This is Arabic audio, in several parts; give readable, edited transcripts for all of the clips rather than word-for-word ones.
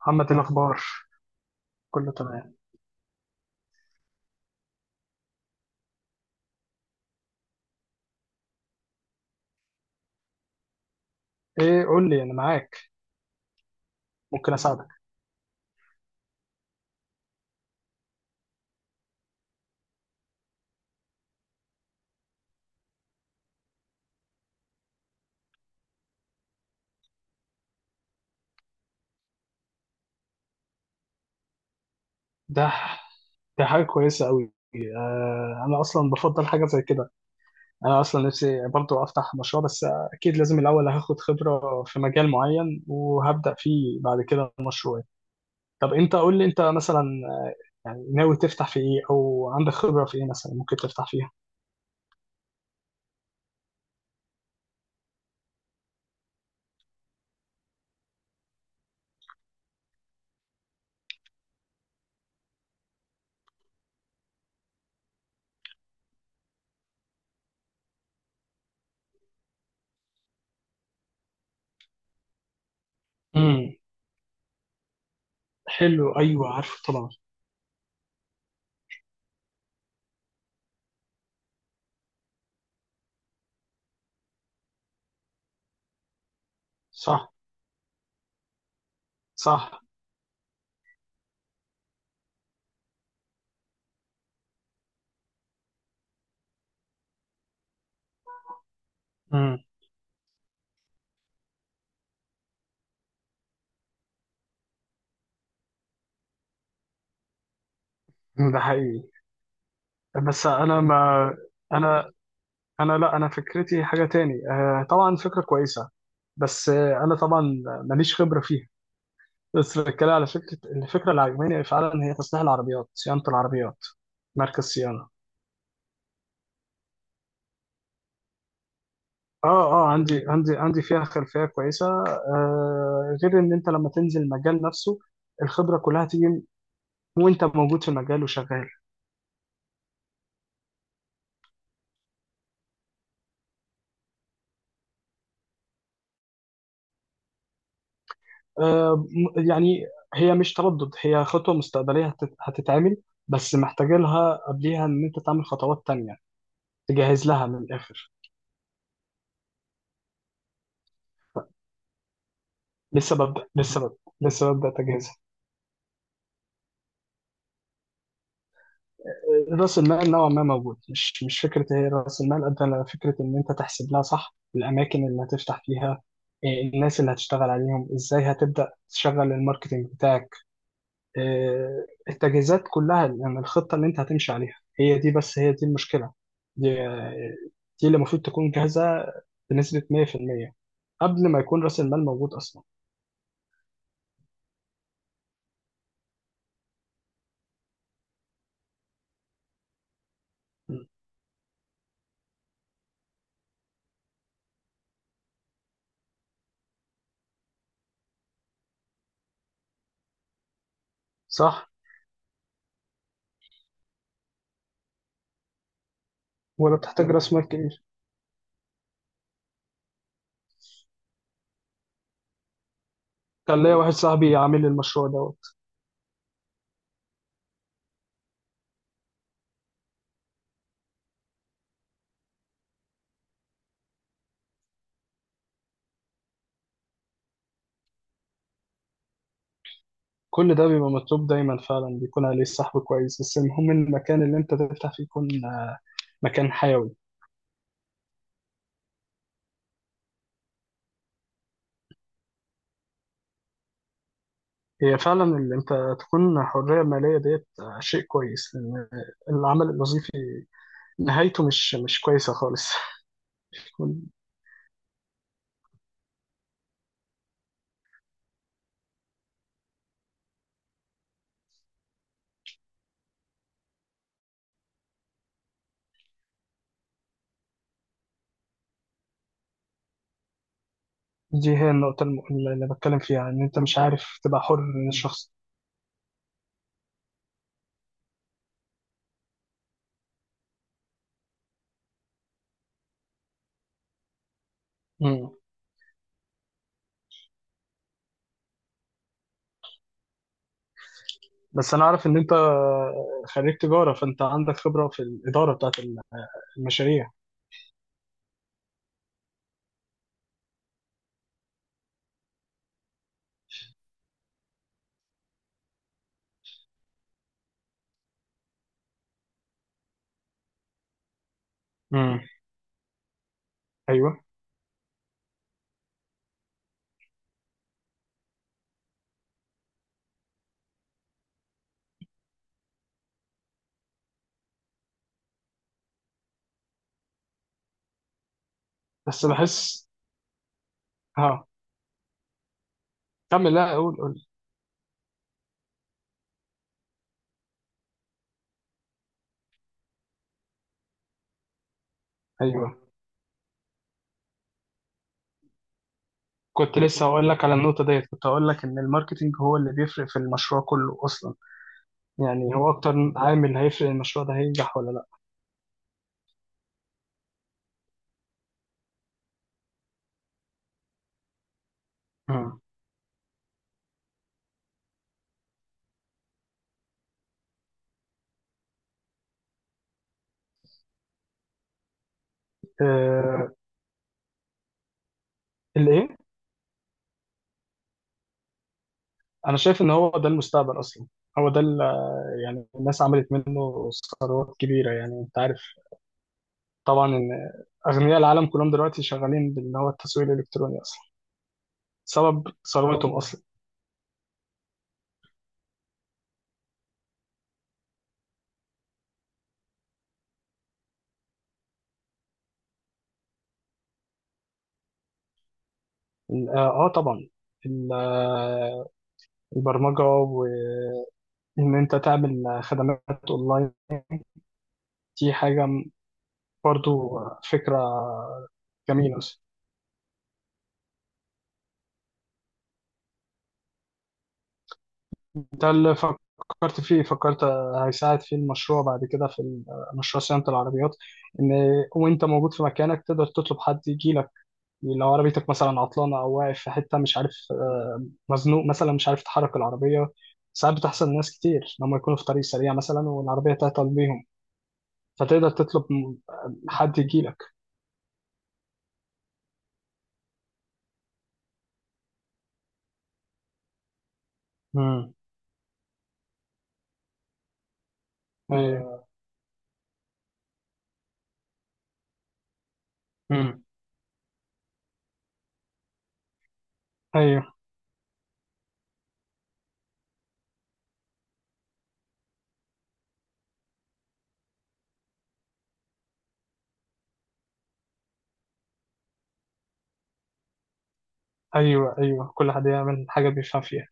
محمد، الأخبار كله تمام. إيه، قول لي، أنا معاك. ممكن أساعدك. ده ده حاجة كويسة أوي. آه، أنا أصلا بفضل حاجة زي كده. أنا أصلا نفسي برضو أفتح مشروع. بس أكيد لازم الأول هاخد خبرة في مجال معين، وهبدأ فيه بعد كده مشروعي. طب أنت قول لي، أنت مثلا يعني ناوي تفتح في إيه، أو عندك خبرة في إيه مثلا ممكن تفتح فيها؟ امم. حلو، أيوه، عارفه طبعا. صح. صح. امم. ده حقيقي. بس أنا ما أنا انا لا، انا فكرتي حاجه تاني. آه طبعا فكره كويسه، بس آه انا طبعا ماليش خبره فيها. بس بتكلم على فكره، الفكره اللي عجباني فعلا هي تصليح العربيات، صيانه العربيات، مركز صيانه. اه، اه، عندي فيها خلفيه كويسه. غير ان انت لما تنزل المجال نفسه الخبره كلها تيجي، وانت موجود في المجال وشغال. يعني هي مش تردد، هي خطوه مستقبليه هتتعمل، بس محتاج لها قبليها ان انت تعمل خطوات تانية، تجهز لها من الاخر. لسه ببدأ تجهيزها. رأس المال نوعا ما موجود. مش فكرة، هي رأس المال قد ما فكرة إن أنت تحسب لها صح. الأماكن اللي هتفتح فيها، الناس اللي هتشتغل عليهم إزاي، هتبدأ تشغل الماركتينج بتاعك، التجهيزات كلها، يعني الخطة اللي أنت هتمشي عليها، هي دي. بس هي دي المشكلة. دي. دي اللي المفروض تكون جاهزة بنسبة 100% قبل ما يكون رأس المال موجود أصلا. م. صح. ولا بتحتاج رأس مال كبير. كان ليا واحد صاحبي عامل المشروع ده. كل ده بيبقى مطلوب دايما، فعلا بيكون عليه الصحب كويس، بس المهم إن المكان اللي انت تفتح فيه يكون مكان حيوي. هي فعلا اللي انت تكون حرية مالية ديت شيء كويس، لأن العمل الوظيفي نهايته مش كويسة خالص. دي هي اللي بتكلم فيها ان انت مش عارف تبقى حر من الشخص. مم. بس انا عارف ان انت خريج تجارة، فانت عندك خبرة في الإدارة بتاعت المشاريع. مم. ايوه. بس بحس. ها، كمل. لا، قول قول. ايوه، كنت لسه هقول لك على النقطه ديت، كنت هقول لك ان الماركتينج هو اللي بيفرق في المشروع كله اصلا. يعني هو اكتر عامل هيفرق المشروع ده هينجح ولا لا. مم. آه. الايه؟ انا شايف ان هو ده المستقبل اصلا. هو ده ال- يعني الناس عملت منه ثروات كبيره، يعني انت عارف طبعا ان اغنياء العالم كلهم دلوقتي شغالين باللي هو التسويق الالكتروني اصلا. سبب ثروتهم اصلا. اه، آه، طبعا ال- آه، البرمجه، وان انت تعمل خدمات اونلاين. دي حاجة م- برضو فكرة جميلة. ده اللي فكرت فيه، فكرت هيساعد في المشروع بعد كده في مشروع صيانة العربيات. إن وأنت موجود في مكانك تقدر تطلب حد يجي لك، لو عربيتك مثلا عطلانة، أو واقف في حتة مش عارف مزنوق مثلا، مش عارف تحرك العربية. ساعات بتحصل لناس كتير لما يكونوا في طريق سريع مثلا والعربية تعطل بيهم. فتقدر تطلب حد يجي لك. امم. ايوه. امم. ايوه، ايوه، ايوه، كل حد يعمل حاجة بيفهم فيها.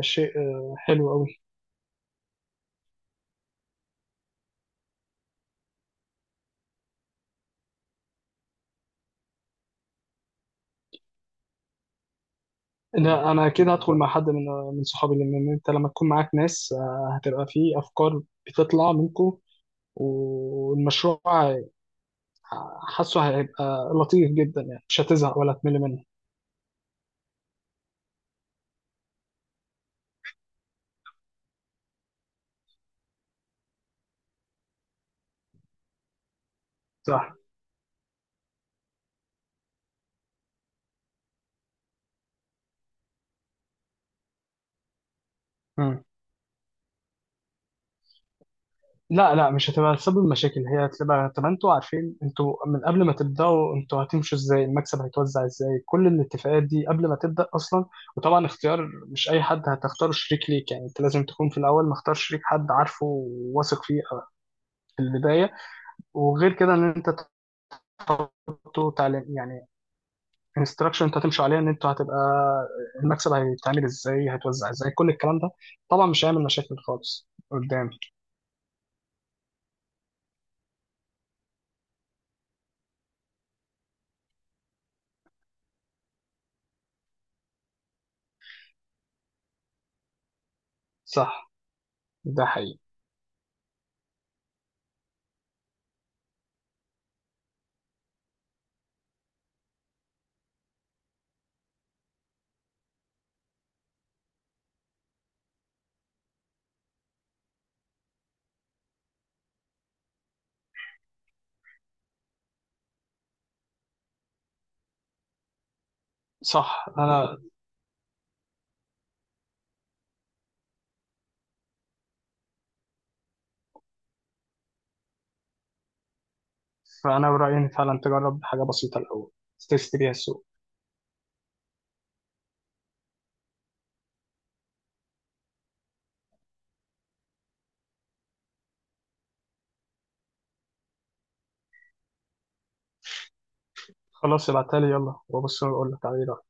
شيء حلو قوي. لا، انا اكيد هدخل مع حد من من صحابي، لان انت لما تكون معاك ناس هتبقى فيه افكار بتطلع منكم، والمشروع حاسه هيبقى لطيف جدا، يعني مش هتزهق ولا تمل منه. صح. مم. لا، لا، مش هتبقى سبب مشاكل، هي هتبقى، طب انتوا عارفين انتوا من قبل ما تبداوا انتوا هتمشوا ازاي، المكسب هيتوزع ازاي، كل الاتفاقات دي قبل ما تبدا اصلا. وطبعا اختيار مش اي حد هتختاره شريك ليك، يعني انت لازم تكون في الاول مختار شريك حد عارفه وواثق فيه في البدايه. وغير كده ان انت تحطه تعليم يعني انستراكشن انت هتمشوا عليها ان انتوا هتبقى، المكسب هيتعمل ازاي، هيتوزع ازاي، كل الكلام ده طبعا مش هيعمل مشاكل خالص قدام. صح. ده حقيقي. صح. انا، فانا برايي ان فعلا تجرب حاجه بسيطه الاول، تست بيها السوق. خلاص، ابعتها لي يلا، وابص واقول لك عليه.